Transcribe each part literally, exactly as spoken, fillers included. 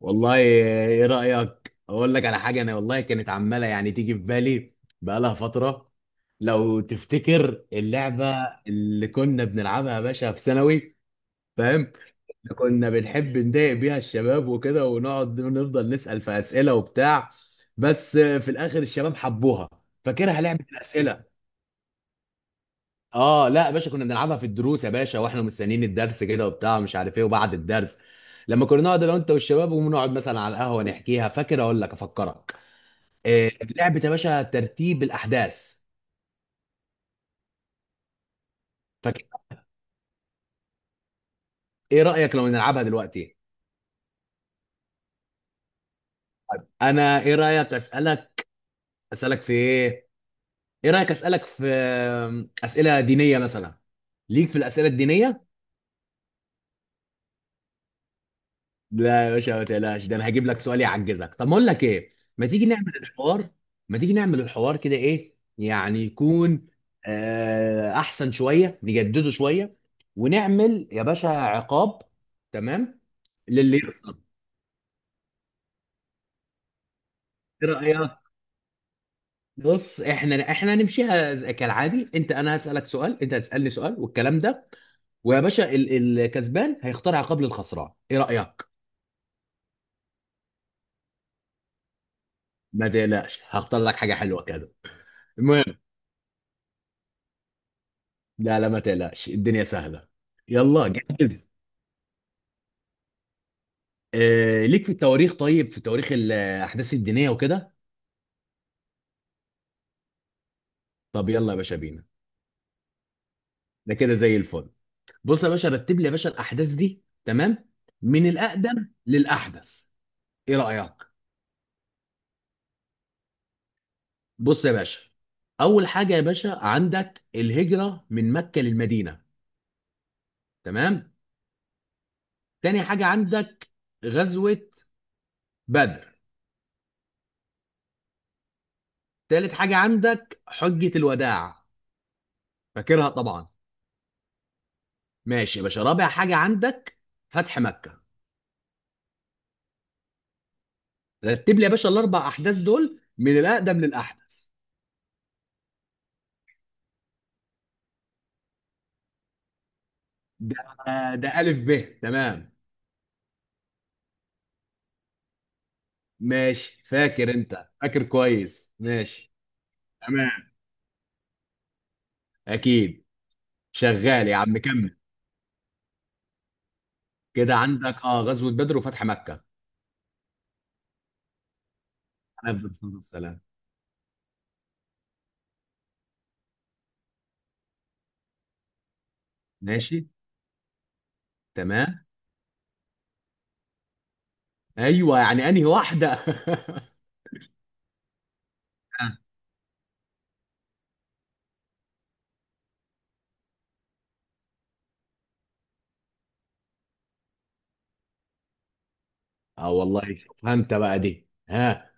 والله، ايه رأيك؟ اقول لك على حاجة. انا والله كانت عمالة يعني تيجي في بالي بقالها فترة. لو تفتكر اللعبة اللي كنا بنلعبها يا باشا في ثانوي، فاهم؟ كنا بنحب نضايق بيها الشباب وكده ونقعد نفضل نسأل في أسئلة وبتاع. بس في الآخر الشباب حبوها. فاكرها؟ لعبة الأسئلة. اه لا يا باشا، كنا بنلعبها في الدروس يا باشا واحنا مستنيين الدرس كده وبتاع مش عارف ايه، وبعد الدرس لما كنا نقعد انا وانت والشباب ونقعد مثلا على القهوه نحكيها. فاكر؟ اقول لك افكرك. آه، لعبه يا باشا ترتيب الاحداث. فاكر؟ ايه رايك لو نلعبها دلوقتي؟ انا ايه رايك اسالك؟ اسالك في ايه؟ ايه رايك اسالك في آه، اسئله دينيه مثلا؟ ليك في الاسئله الدينيه؟ لا يا باشا ما تقلقش، ده انا هجيب لك سؤال يعجزك. طب ما اقول لك ايه، ما تيجي نعمل الحوار؟ ما تيجي نعمل الحوار كده ايه يعني يكون؟ آه احسن شويه، نجدده شويه ونعمل يا باشا عقاب. تمام؟ للي يخسر. ايه رايك؟ بص، احنا احنا هنمشيها ز- كالعادي. انت انا هسالك سؤال، انت هتسالني سؤال والكلام ده. ويا باشا ال- الكسبان هيختار عقاب للخسران، ايه رايك؟ ما تقلقش، هختار لك حاجه حلوه كده. المهم، لا لا ما تقلقش، الدنيا سهلة. يلا، جاهز؟ آه ليك في التواريخ؟ طيب، في تواريخ الأحداث الدينية وكده. طب يلا يا باشا بينا. ده كده زي الفل. بص يا باشا، رتب لي يا باشا الأحداث دي، تمام؟ من الأقدم للأحدث. إيه رأيك؟ بص يا باشا، أول حاجة يا باشا عندك الهجرة من مكة للمدينة، تمام؟ تاني حاجة عندك غزوة بدر. تالت حاجة عندك حجة الوداع، فاكرها طبعا. ماشي يا باشا، رابع حاجه عندك فتح مكه. رتب لي يا باشا الاربع احداث دول من الاقدم للاحدث. ده ده الف ب، تمام؟ ماشي، فاكر؟ انت فاكر كويس، ماشي. تمام. اكيد. شغال يا عم، كمل. كده عندك اه غزوه بدر وفتح مكه. عليه الصلاه والسلام. ماشي. تمام. ايوه، يعني انهي واحده؟ اه والله، شوفها انت بقى دي، ها.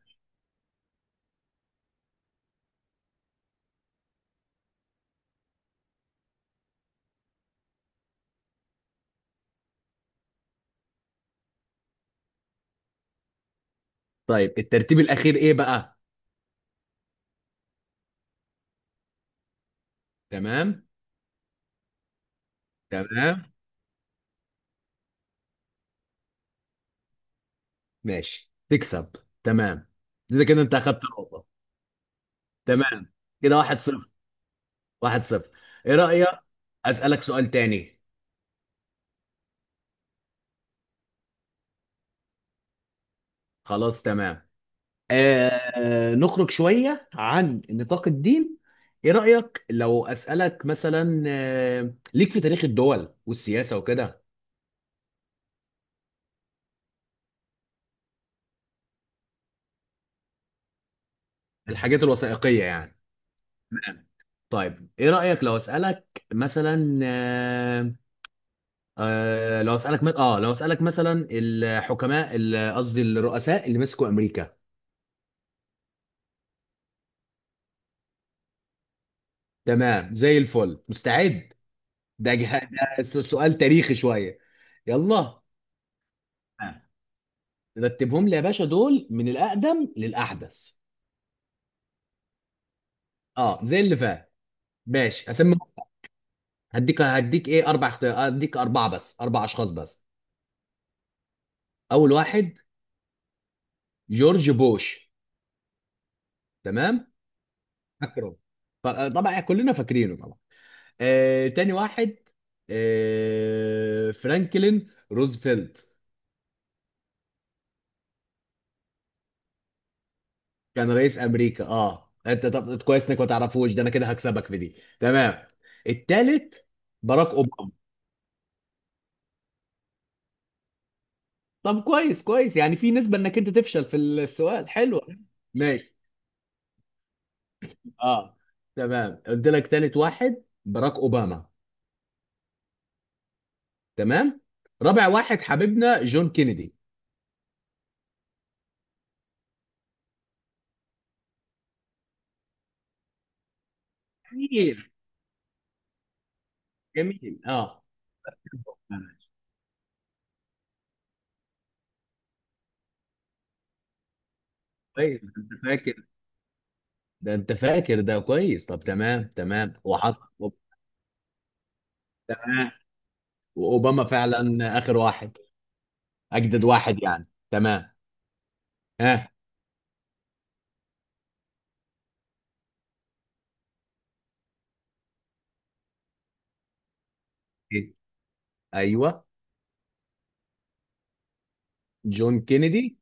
طيب الترتيب الاخير ايه بقى؟ تمام. تمام. ماشي تكسب. تمام. اذا كده انت اخدت نقطة. تمام. كده واحد صفر. واحد صفر. ايه رأيك اسألك سؤال تاني؟ خلاص، تمام. آه نخرج شوية عن نطاق الدين. ايه رأيك لو اسألك مثلا آه ليك في تاريخ الدول والسياسة وكده؟ الحاجات الوثائقية يعني؟ تمام. طيب ايه رأيك لو اسألك مثلا آه، آه لو اسالك م... اه لو اسالك مثلا الحكماء ال- قصدي الرؤساء اللي مسكوا امريكا؟ تمام، زي الفل، مستعد. ده, جه... ده س- سؤال تاريخي شويه. يلا. رتبهم لي يا باشا دول من الاقدم للاحدث. اه، زي اللي فات. ماشي اسمي. هديك هديك ايه اربع اخت... هديك اربعه بس، اربع اشخاص بس. اول واحد، جورج بوش. تمام. فاكره؟ ف- طبعا كلنا فاكرينه طبعا. آه، تاني واحد، آه، فرانكلين روزفلت. كان رئيس امريكا اه. انت طب كويس انك ما تعرفوش، ده انا كده هكسبك في دي. تمام، التالت، باراك اوباما. طب كويس كويس، يعني في نسبة انك انت تفشل في السؤال، حلو. ماشي. اه. تمام، قلت لك تالت واحد باراك اوباما. تمام. رابع واحد حبيبنا جون كينيدي. جميل جميل اه. كويس انت فاكر، ده انت فاكر ده كويس. طب تمام تمام، وحط. تمام، واوباما فعلا اخر واحد، اجدد واحد يعني. تمام. ها. إيه؟ ايوه، جون كينيدي.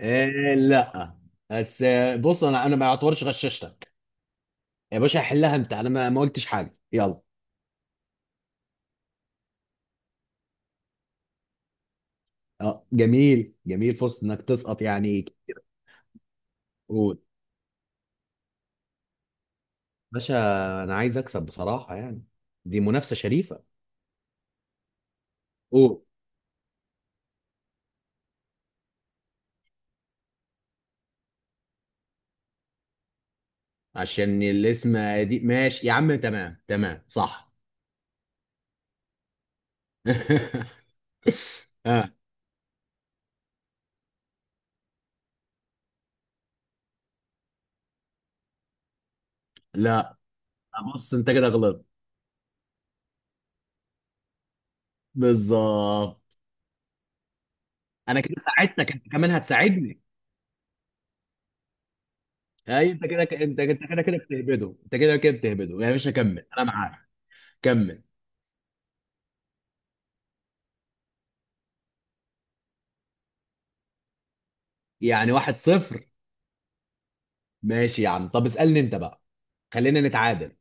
آه. لا بس آه، بص، انا انا ما اعتبرش غششتك يا باشا، حلها انت. انا ما ما قلتش حاجه، يلا. اه جميل جميل، فرصه انك تسقط يعني كتير. قول. باشا، انا عايز اكسب بصراحه يعني، دي منافسه شريفه. قول. عشان الاسم دي، ماشي يا عم، تمام تمام صح. اه. لا بص، انت كده غلط. بالظبط. انا كده ساعدتك، انت كمان هتساعدني. اي انت كده، انت انت كده كده بتهبده. انت كده كده بتهبده يا باشا، كمل انا معاك. كمل. يعني واحد صفر. ماشي يا عم، طب اسألني انت بقى، خلينا نتعادل.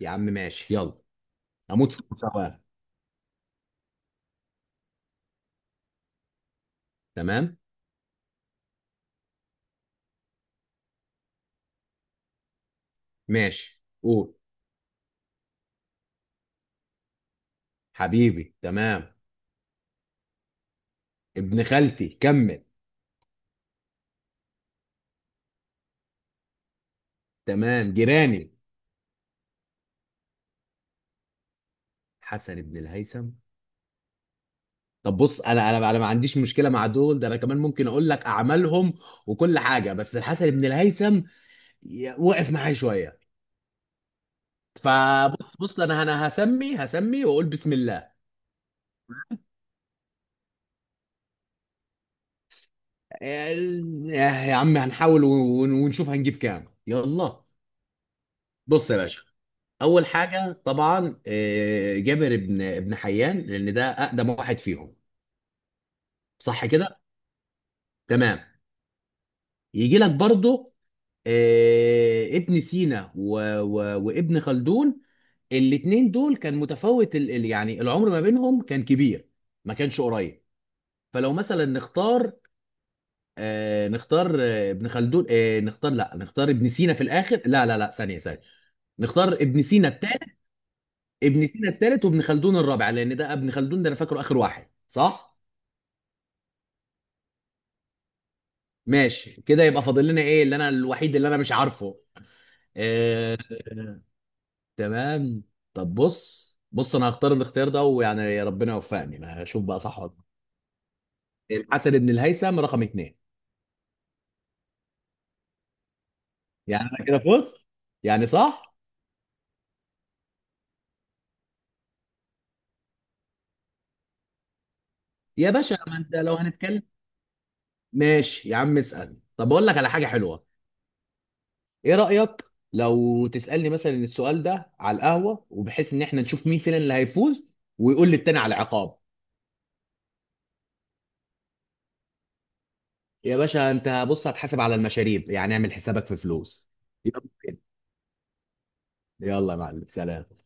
يا عم ماشي، يلا. اموت في المساواة. تمام. ماشي. قول. حبيبي، تمام. ابن خالتي، كمل. تمام، جيراني. حسن ابن الهيثم. طب بص، انا انا انا ما عنديش مشكله مع دول، ده انا كمان ممكن اقول لك اعمالهم وكل حاجه، بس الحسن بن الهيثم ي- وقف معايا شويه. فبص، بص انا انا هسمي هسمي واقول بسم الله. ال- يا عم هنحاول ون- ونشوف هنجيب كام، يلا. بص يا باشا، اول حاجه طبعا آه، جابر ابن ابن حيان، لان ده اقدم واحد فيهم. صح كده؟ تمام. يجي لك برضه آه، ابن سينا و... و... وابن خلدون. الاتنين دول كان متفاوت ال... ال- يعني العمر ما بينهم كان كبير، ما كانش قريب. فلو مثلا نختار آه نختار آه ابن خلدون، آه نختار لا نختار ابن سينا في الاخر. لا لا لا، ثانية ثانية، نختار ابن سينا الثالث. ابن سينا الثالث، وابن خلدون الرابع، لان ده ابن خلدون ده انا فاكره اخر واحد، صح؟ ماشي كده. يبقى فاضل لنا ايه اللي انا الوحيد اللي انا مش عارفه؟ آه. تمام. طب بص بص انا هختار الاختيار ده، ويعني يا ربنا يوفقني، ما هشوف بقى صح ولا غلط. الحسن بن الهيثم رقم اتنين. يعني انا كده فزت، يعني صح. يا باشا ما انت لو هنتكلم. ماشي يا عم، اسال. طب اقول لك على حاجه حلوه. ايه رايك لو تسالني مثلا السؤال ده على القهوه، وبحيث ان احنا نشوف مين فينا اللي هيفوز ويقول للتاني على عقاب؟ يا باشا انت بص، هتحاسب على المشاريب يعني، اعمل حسابك في فلوس. يلا. يلا يا معلم، سلام.